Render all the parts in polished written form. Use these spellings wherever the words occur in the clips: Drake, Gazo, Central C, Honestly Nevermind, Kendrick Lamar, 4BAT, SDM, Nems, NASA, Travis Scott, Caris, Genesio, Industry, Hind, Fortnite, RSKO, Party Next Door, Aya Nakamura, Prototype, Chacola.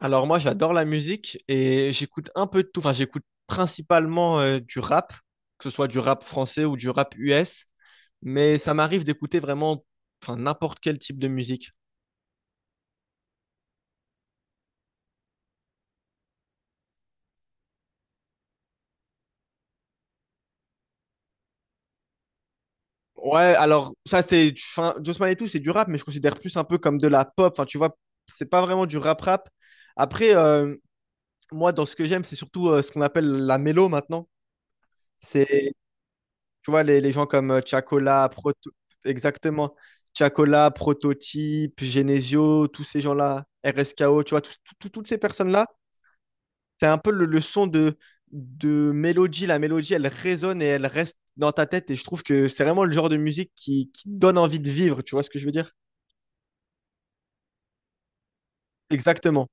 Alors moi, j'adore la musique et j'écoute un peu de tout. Enfin, j'écoute principalement du rap, que ce soit du rap français ou du rap US, mais ça m'arrive d'écouter vraiment, enfin, n'importe quel type de musique. Ouais, alors ça c'est, enfin, Josman et tout, c'est du rap, mais je considère plus un peu comme de la pop. Enfin, tu vois, c'est pas vraiment du rap rap. Après, moi, dans ce que j'aime, c'est surtout ce qu'on appelle la mélo maintenant. C'est Tu vois, les gens comme Chacola, Proto... Exactement. Chacola, Prototype, Genesio, tous ces gens-là, RSKO, tu vois, toutes ces personnes-là, c'est un peu le son de mélodie. La mélodie, elle résonne et elle reste dans ta tête. Et je trouve que c'est vraiment le genre de musique qui donne envie de vivre, tu vois ce que je veux dire? Exactement.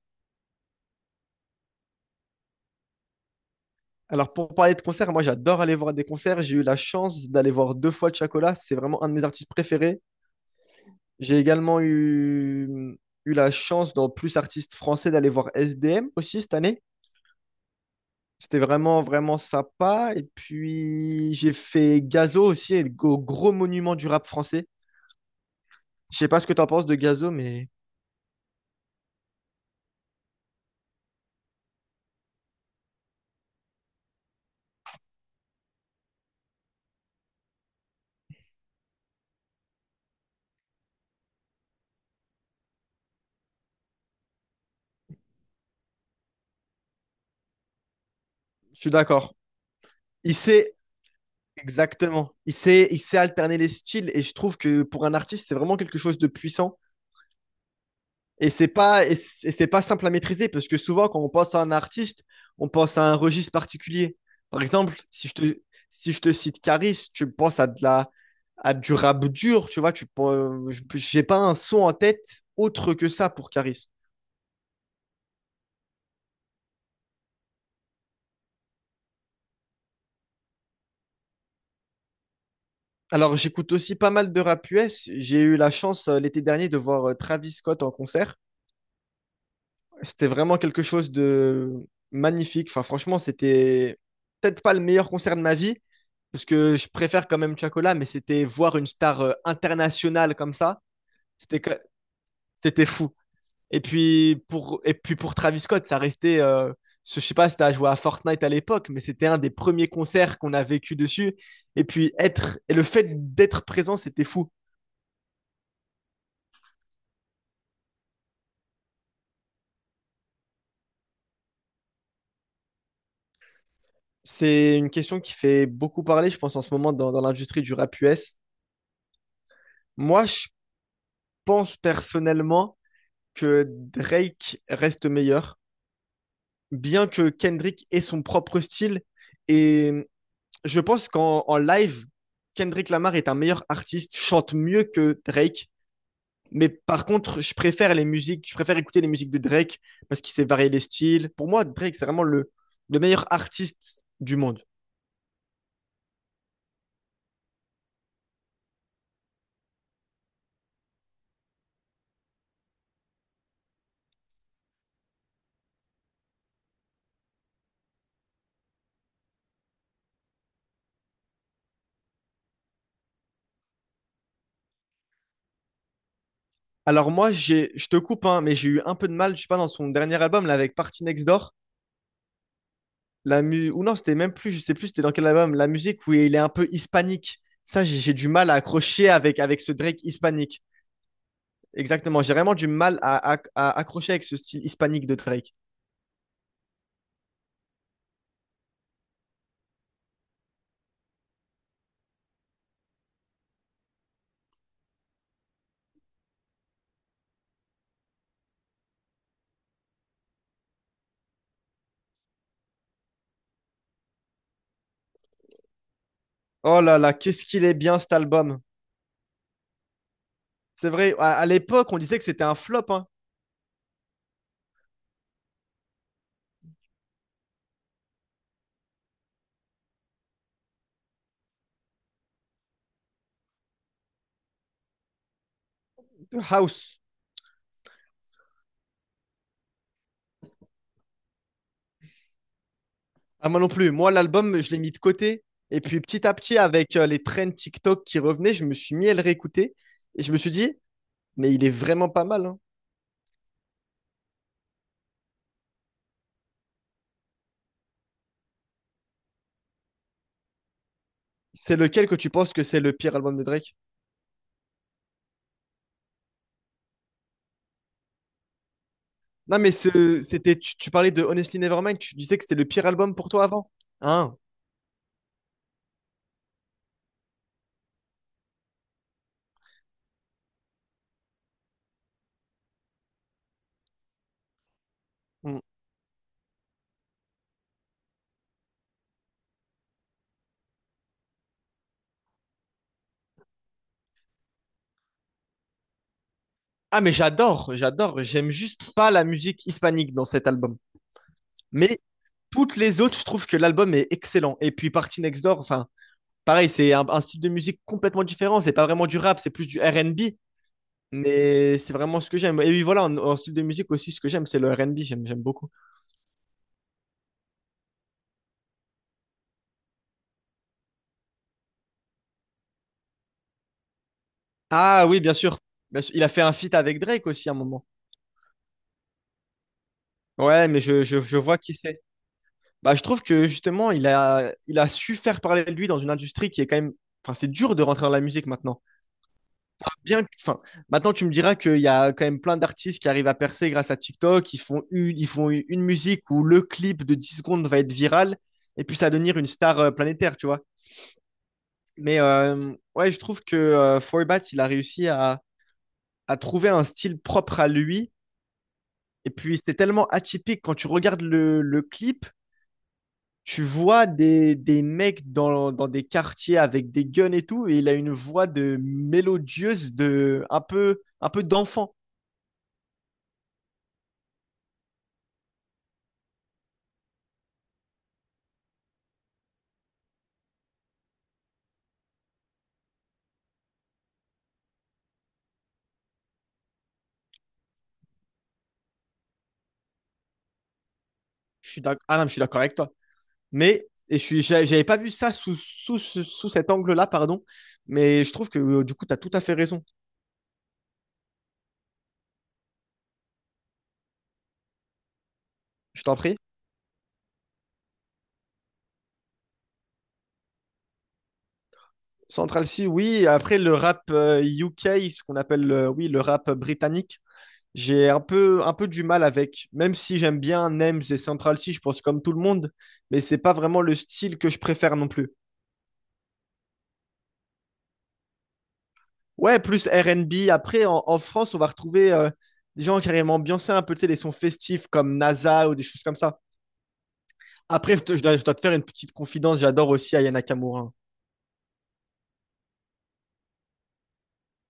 Alors, pour parler de concerts, moi, j'adore aller voir des concerts. J'ai eu la chance d'aller voir deux fois Chacola. C'est vraiment un de mes artistes préférés. J'ai également eu la chance dans Plus Artistes Français d'aller voir SDM aussi cette année. C'était vraiment, vraiment sympa. Et puis, j'ai fait Gazo aussi, et le gros, gros monument du rap français. Je sais pas ce que tu en penses de Gazo, mais je suis d'accord. Il sait, exactement, il sait alterner les styles. Et je trouve que pour un artiste, c'est vraiment quelque chose de puissant. Et c'est pas simple à maîtriser parce que souvent, quand on pense à un artiste, on pense à un registre particulier. Par exemple, si je te cite Caris, tu penses à du rap dur, tu vois, j'ai pas un son en tête autre que ça pour Caris. Alors, j'écoute aussi pas mal de rap US. J'ai eu la chance l'été dernier de voir Travis Scott en concert. C'était vraiment quelque chose de magnifique. Enfin, franchement, c'était peut-être pas le meilleur concert de ma vie, parce que je préfère quand même Chacola, mais c'était voir une star internationale comme ça, c'était que- c'était fou. Et puis pour Travis Scott, ça restait je sais pas si t'as joué à Fortnite à l'époque, mais c'était un des premiers concerts qu'on a vécu dessus. Et puis être et le fait d'être présent, c'était fou. C'est une question qui fait beaucoup parler, je pense, en ce moment dans l'industrie du rap US. Moi, je pense personnellement que Drake reste meilleur, bien que Kendrick ait son propre style. Et je pense qu'en live, Kendrick Lamar est un meilleur artiste, chante mieux que Drake. Mais par contre, je préfère écouter les musiques de Drake parce qu'il sait varier les styles. Pour moi, Drake, c'est vraiment le meilleur artiste du monde. Alors moi, je te coupe, hein, mais j'ai eu un peu de mal, je sais pas, dans son dernier album, là, avec Party Next Door. Ou non, c'était même plus, je sais plus, c'était dans quel album, la musique où il est un peu hispanique. Ça, j'ai du mal à accrocher avec ce Drake hispanique. Exactement, j'ai vraiment du mal à accrocher avec ce style hispanique de Drake. Oh là là, qu'est-ce qu'il est bien cet album. C'est vrai, à l'époque, on disait que c'était un flop, hein. House. Ah, moi non plus. Moi, l'album, je l'ai mis de côté. Et puis, petit à petit, avec les trends TikTok qui revenaient, je me suis mis à le réécouter. Et je me suis dit, mais il est vraiment pas mal, hein. C'est lequel que tu penses que c'est le pire album de Drake? Non, mais tu parlais de Honestly Nevermind, tu disais que c'était le pire album pour toi avant. Hein? Mm. Ah, mais j'adore, j'adore. J'aime juste pas la musique hispanique dans cet album. Mais toutes les autres, je trouve que l'album est excellent. Et puis Party Next Door, enfin, pareil, c'est un style de musique complètement différent. C'est pas vraiment du rap, c'est plus du R&B. Mais c'est vraiment ce que j'aime. Et oui, voilà, en style de musique aussi, ce que j'aime, c'est le R&B. J'aime beaucoup. Ah oui, bien sûr. Bien sûr. Il a fait un feat avec Drake aussi à un moment. Ouais, mais je vois qui c'est. Bah, je trouve que justement, il a su faire parler de lui dans une industrie qui est quand même. Enfin, c'est dur de rentrer dans la musique maintenant. Enfin, maintenant, tu me diras qu'il y a quand même plein d'artistes qui arrivent à percer grâce à TikTok. Ils font une musique où le clip de 10 secondes va être viral et puis ça va devenir une star planétaire, tu vois. Mais ouais, je trouve que 4BAT, il a réussi à trouver un style propre à lui. Et puis, c'est tellement atypique quand tu regardes le clip. Tu vois des mecs dans des quartiers avec des guns et tout, et il a une voix de mélodieuse, de un peu d'enfant. Ah non, mais je suis d'accord avec toi. Mais et j'avais pas vu ça sous cet angle-là, pardon. Mais je trouve que du coup, tu as tout à fait raison. Je t'en prie. Central C, oui. Après, le rap UK, ce qu'on appelle, oui, le rap britannique. J'ai un peu du mal avec, même si j'aime bien Nems et Central C, je pense comme tout le monde, mais c'est pas vraiment le style que je préfère non plus. Ouais, plus R&B. Après, en France, on va retrouver des gens qui arrivent à ambiancer un peu, tu sais, les sons festifs comme NASA ou des choses comme ça. Après, je dois te faire une petite confidence. J'adore aussi Aya Nakamura, hein.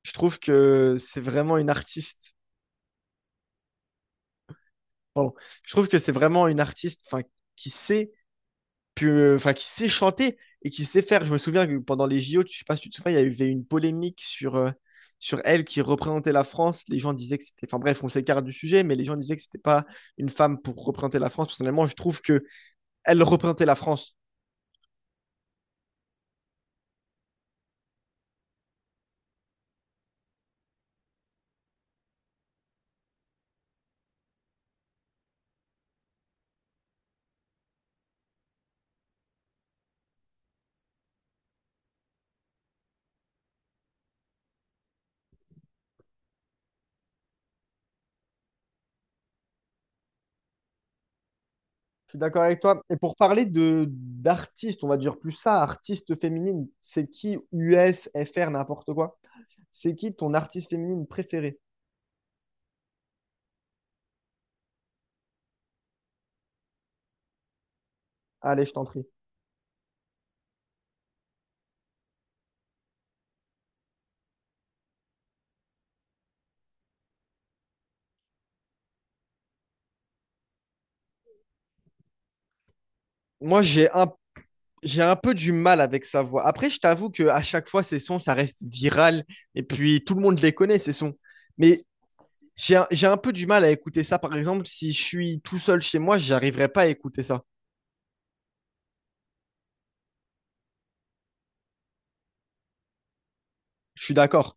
Je trouve que c'est vraiment une artiste. Pardon. Je trouve que c'est vraiment une artiste, enfin, qui sait qui sait chanter et qui sait faire. Je me souviens que pendant les JO, je sais pas si tu te souviens, il y avait une polémique sur elle qui représentait la France. Les gens disaient que c'était, enfin bref, on s'écarte du sujet, mais les gens disaient que c'était pas une femme pour représenter la France. Personnellement, je trouve que elle représentait la France. Je suis d'accord avec toi. Et pour parler de d'artistes, on va dire plus ça, artiste féminine, c'est qui US, FR, n'importe quoi. C'est qui ton artiste féminine préférée? Allez, je t'en prie. Moi, j'ai un peu du mal avec sa voix. Après, je t'avoue que à chaque fois, ces sons, ça reste viral. Et puis, tout le monde les connaît, ces sons. Mais j'ai un peu du mal à écouter ça. Par exemple, si je suis tout seul chez moi, j'arriverai pas à écouter ça. Je suis d'accord.